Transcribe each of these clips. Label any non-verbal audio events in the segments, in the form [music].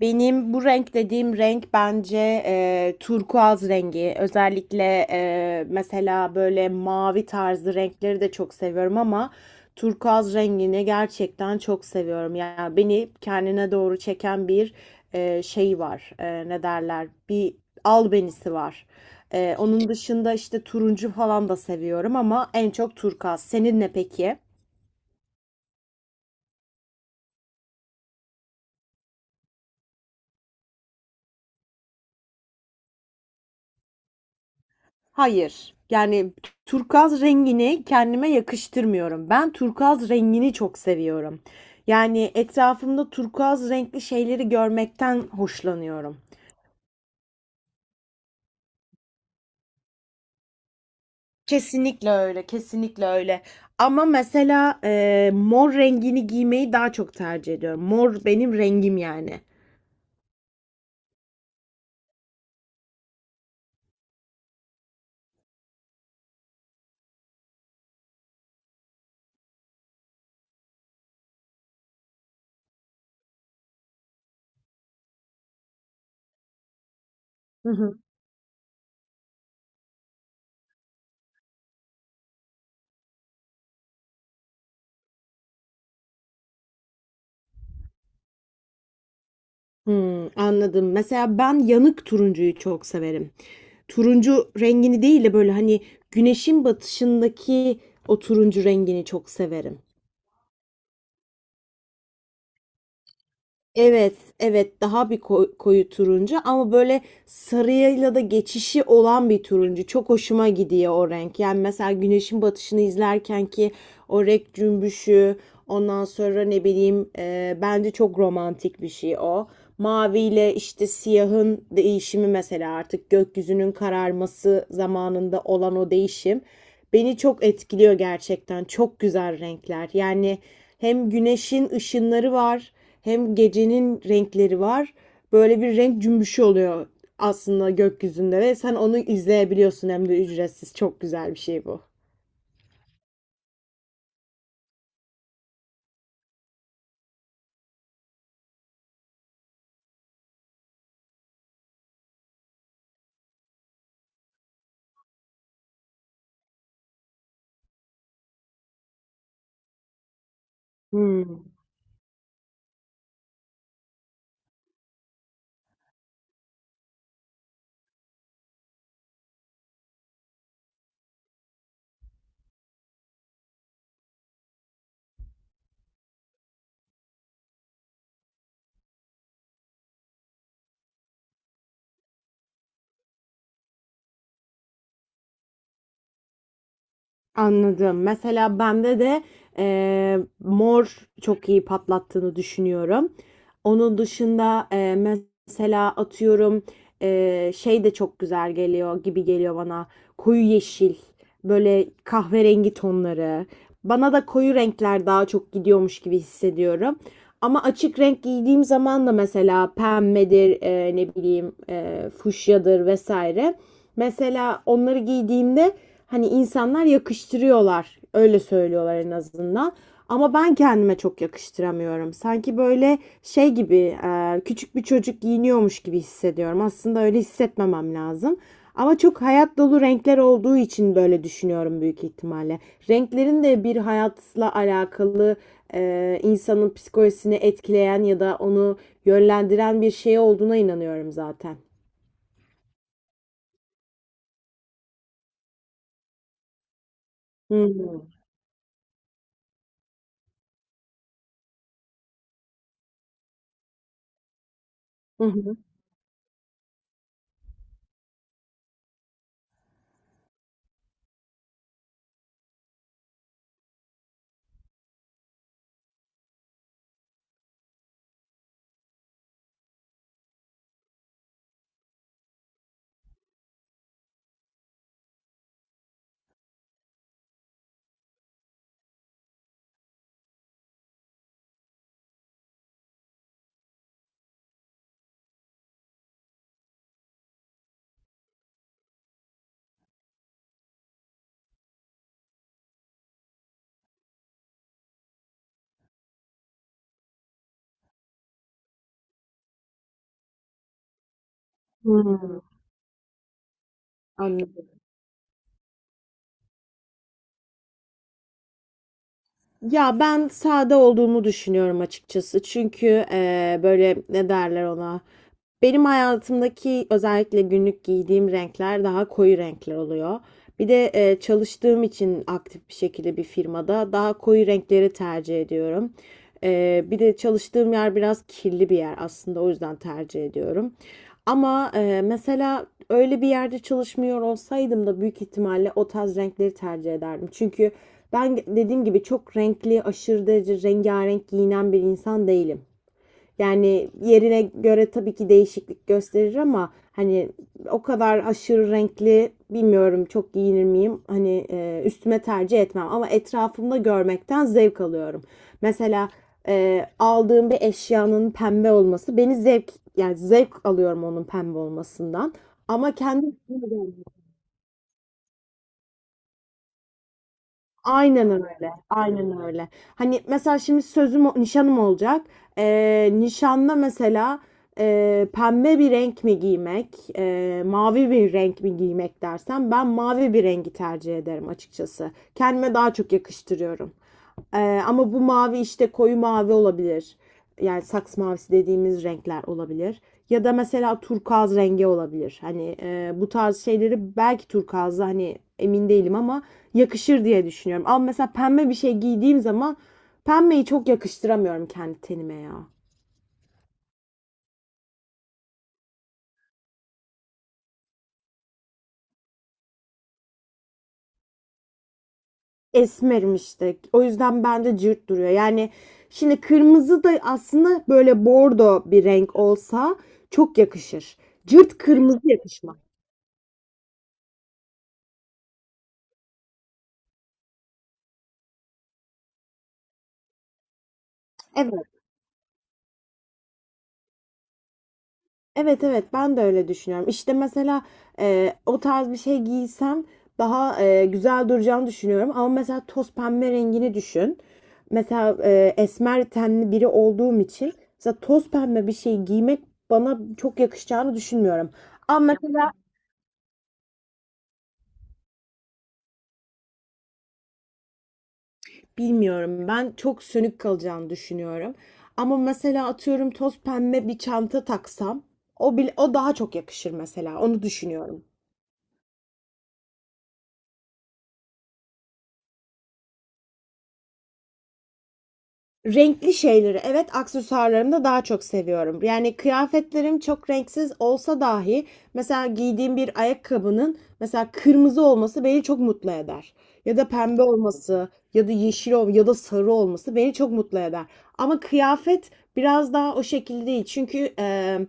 Benim bu renk dediğim renk bence turkuaz rengi. Özellikle mesela böyle mavi tarzı renkleri de çok seviyorum ama turkuaz rengini gerçekten çok seviyorum. Yani beni kendine doğru çeken bir şey var. E, ne derler? Bir albenisi var. Onun dışında işte turuncu falan da seviyorum ama en çok turkuaz. Senin ne peki? Hayır. Yani turkuaz rengini kendime yakıştırmıyorum. Ben turkuaz rengini çok seviyorum. Yani etrafımda turkuaz renkli şeyleri görmekten hoşlanıyorum. Kesinlikle öyle, kesinlikle öyle. Ama mesela mor rengini giymeyi daha çok tercih ediyorum. Mor benim rengim yani. Hı hı. Hımm, anladım. Mesela ben yanık turuncuyu çok severim. Turuncu rengini değil de böyle, hani, güneşin batışındaki o turuncu rengini çok severim. Evet, evet, daha bir koyu turuncu ama böyle sarıyla da geçişi olan bir turuncu. Çok hoşuma gidiyor o renk. Yani mesela güneşin batışını izlerken ki o renk cümbüşü, ondan sonra ne bileyim, bence çok romantik bir şey o. Maviyle işte siyahın değişimi mesela artık gökyüzünün kararması zamanında olan o değişim beni çok etkiliyor gerçekten. Çok güzel renkler. Yani hem güneşin ışınları var, hem gecenin renkleri var. Böyle bir renk cümbüşü oluyor aslında gökyüzünde ve sen onu izleyebiliyorsun hem de ücretsiz. Çok güzel bir şey bu. Hmm. Anladım. Mesela bende de, mor çok iyi patlattığını düşünüyorum. Onun dışında, mesela atıyorum, şey de çok güzel geliyor gibi geliyor bana. Koyu yeşil, böyle kahverengi tonları. Bana da koyu renkler daha çok gidiyormuş gibi hissediyorum. Ama açık renk giydiğim zaman da mesela pembedir, ne bileyim, fuşyadır vesaire. Mesela onları giydiğimde hani insanlar yakıştırıyorlar. Öyle söylüyorlar en azından. Ama ben kendime çok yakıştıramıyorum. Sanki böyle şey gibi küçük bir çocuk giyiniyormuş gibi hissediyorum. Aslında öyle hissetmemem lazım. Ama çok hayat dolu renkler olduğu için böyle düşünüyorum büyük ihtimalle. Renklerin de bir hayatla alakalı insanın psikolojisini etkileyen ya da onu yönlendiren bir şey olduğuna inanıyorum zaten. Hı hı. Hı hı. Hı. hı. Anladım. Ya ben sade olduğumu düşünüyorum açıkçası. Çünkü böyle ne derler ona? Benim hayatımdaki özellikle günlük giydiğim renkler daha koyu renkler oluyor. Bir de çalıştığım için aktif bir şekilde bir firmada daha koyu renkleri tercih ediyorum. Bir de çalıştığım yer biraz kirli bir yer aslında o yüzden tercih ediyorum. Ama mesela öyle bir yerde çalışmıyor olsaydım da büyük ihtimalle o tarz renkleri tercih ederdim. Çünkü ben dediğim gibi çok renkli, aşırı derece rengarenk giyinen bir insan değilim. Yani yerine göre tabii ki değişiklik gösterir ama hani o kadar aşırı renkli bilmiyorum çok giyinir miyim? Hani üstüme tercih etmem ama etrafımda görmekten zevk alıyorum. Mesela aldığım bir eşyanın pembe olması beni zevk yani zevk alıyorum onun pembe olmasından ama kendi [laughs] Aynen öyle. Aynen öyle. Hani mesela şimdi nişanım olacak. Nişanda mesela pembe bir renk mi giymek, mavi bir renk mi giymek dersen ben mavi bir rengi tercih ederim açıkçası. Kendime daha çok yakıştırıyorum. Ama bu mavi işte koyu mavi olabilir. Yani saks mavisi dediğimiz renkler olabilir. Ya da mesela turkuaz rengi olabilir. Hani bu tarz şeyleri belki turkuazda hani emin değilim ama yakışır diye düşünüyorum. Ama mesela pembe bir şey giydiğim zaman pembeyi çok yakıştıramıyorum kendi tenime ya. Esmerim işte. O yüzden bende cırt duruyor. Yani şimdi kırmızı da aslında böyle bordo bir renk olsa çok yakışır. Cırt kırmızı yakışmaz. Evet. Evet, evet, ben de öyle düşünüyorum. İşte mesela o tarz bir şey giysem daha güzel duracağını düşünüyorum. Ama mesela toz pembe rengini düşün. Mesela esmer tenli biri olduğum için mesela toz pembe bir şey giymek bana çok yakışacağını düşünmüyorum. Ama mesela bilmiyorum ben çok sönük kalacağını düşünüyorum. Ama mesela atıyorum toz pembe bir çanta taksam o bile, o daha çok yakışır mesela onu düşünüyorum. Renkli şeyleri, evet, aksesuarlarımda daha çok seviyorum. Yani kıyafetlerim çok renksiz olsa dahi mesela giydiğim bir ayakkabının mesela kırmızı olması beni çok mutlu eder. Ya da pembe olması ya da yeşil ol ya da sarı olması beni çok mutlu eder. Ama kıyafet biraz daha o şekilde değil. Çünkü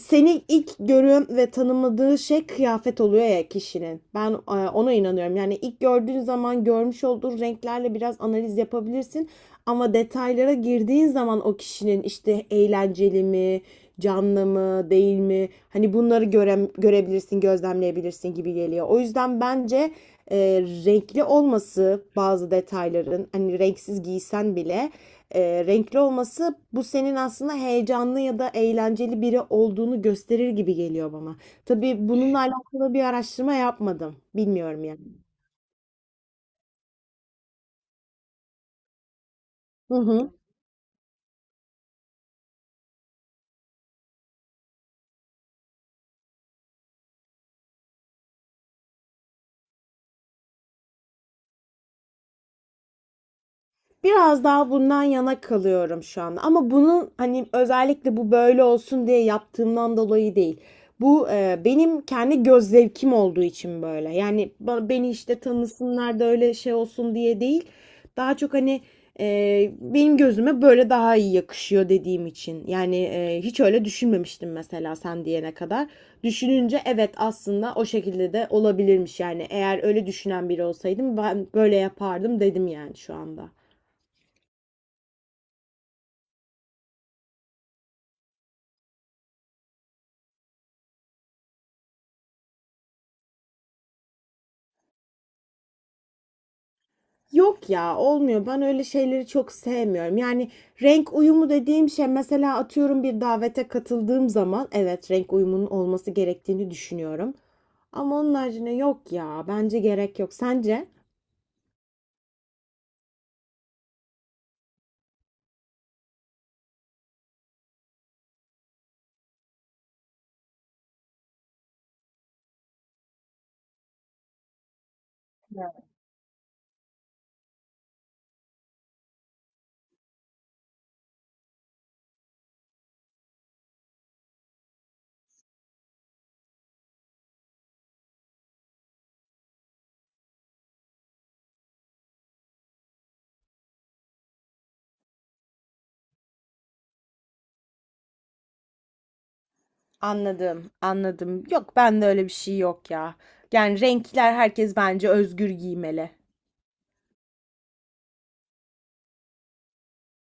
seni ilk görüyorum ve tanımadığı şey kıyafet oluyor ya kişinin. Ben ona inanıyorum. Yani ilk gördüğün zaman görmüş olduğun renklerle biraz analiz yapabilirsin. Ama detaylara girdiğin zaman o kişinin işte eğlenceli mi, canlı mı, değil mi? Hani bunları görebilirsin, gözlemleyebilirsin gibi geliyor. O yüzden bence e, renkli olması bazı detayların hani renksiz giysen bile renkli olması bu senin aslında heyecanlı ya da eğlenceli biri olduğunu gösterir gibi geliyor bana. Tabii bununla alakalı bir araştırma yapmadım. Bilmiyorum yani. Hı hı. Biraz daha bundan yana kalıyorum şu anda. Ama bunun hani özellikle bu böyle olsun diye yaptığımdan dolayı değil. Bu benim kendi göz zevkim olduğu için böyle. Yani beni işte tanısınlar da öyle şey olsun diye değil. Daha çok hani benim gözüme böyle daha iyi yakışıyor dediğim için. Yani hiç öyle düşünmemiştim mesela sen diyene kadar. Düşününce evet aslında o şekilde de olabilirmiş yani. Eğer öyle düşünen biri olsaydım ben böyle yapardım dedim yani şu anda. Yok ya, olmuyor. Ben öyle şeyleri çok sevmiyorum. Yani renk uyumu dediğim şey mesela atıyorum bir davete katıldığım zaman evet renk uyumunun olması gerektiğini düşünüyorum. Ama onun haricinde yok ya. Bence gerek yok. Sence? Anladım, anladım. Yok, ben de öyle bir şey yok ya. Yani renkler herkes bence özgür giymeli.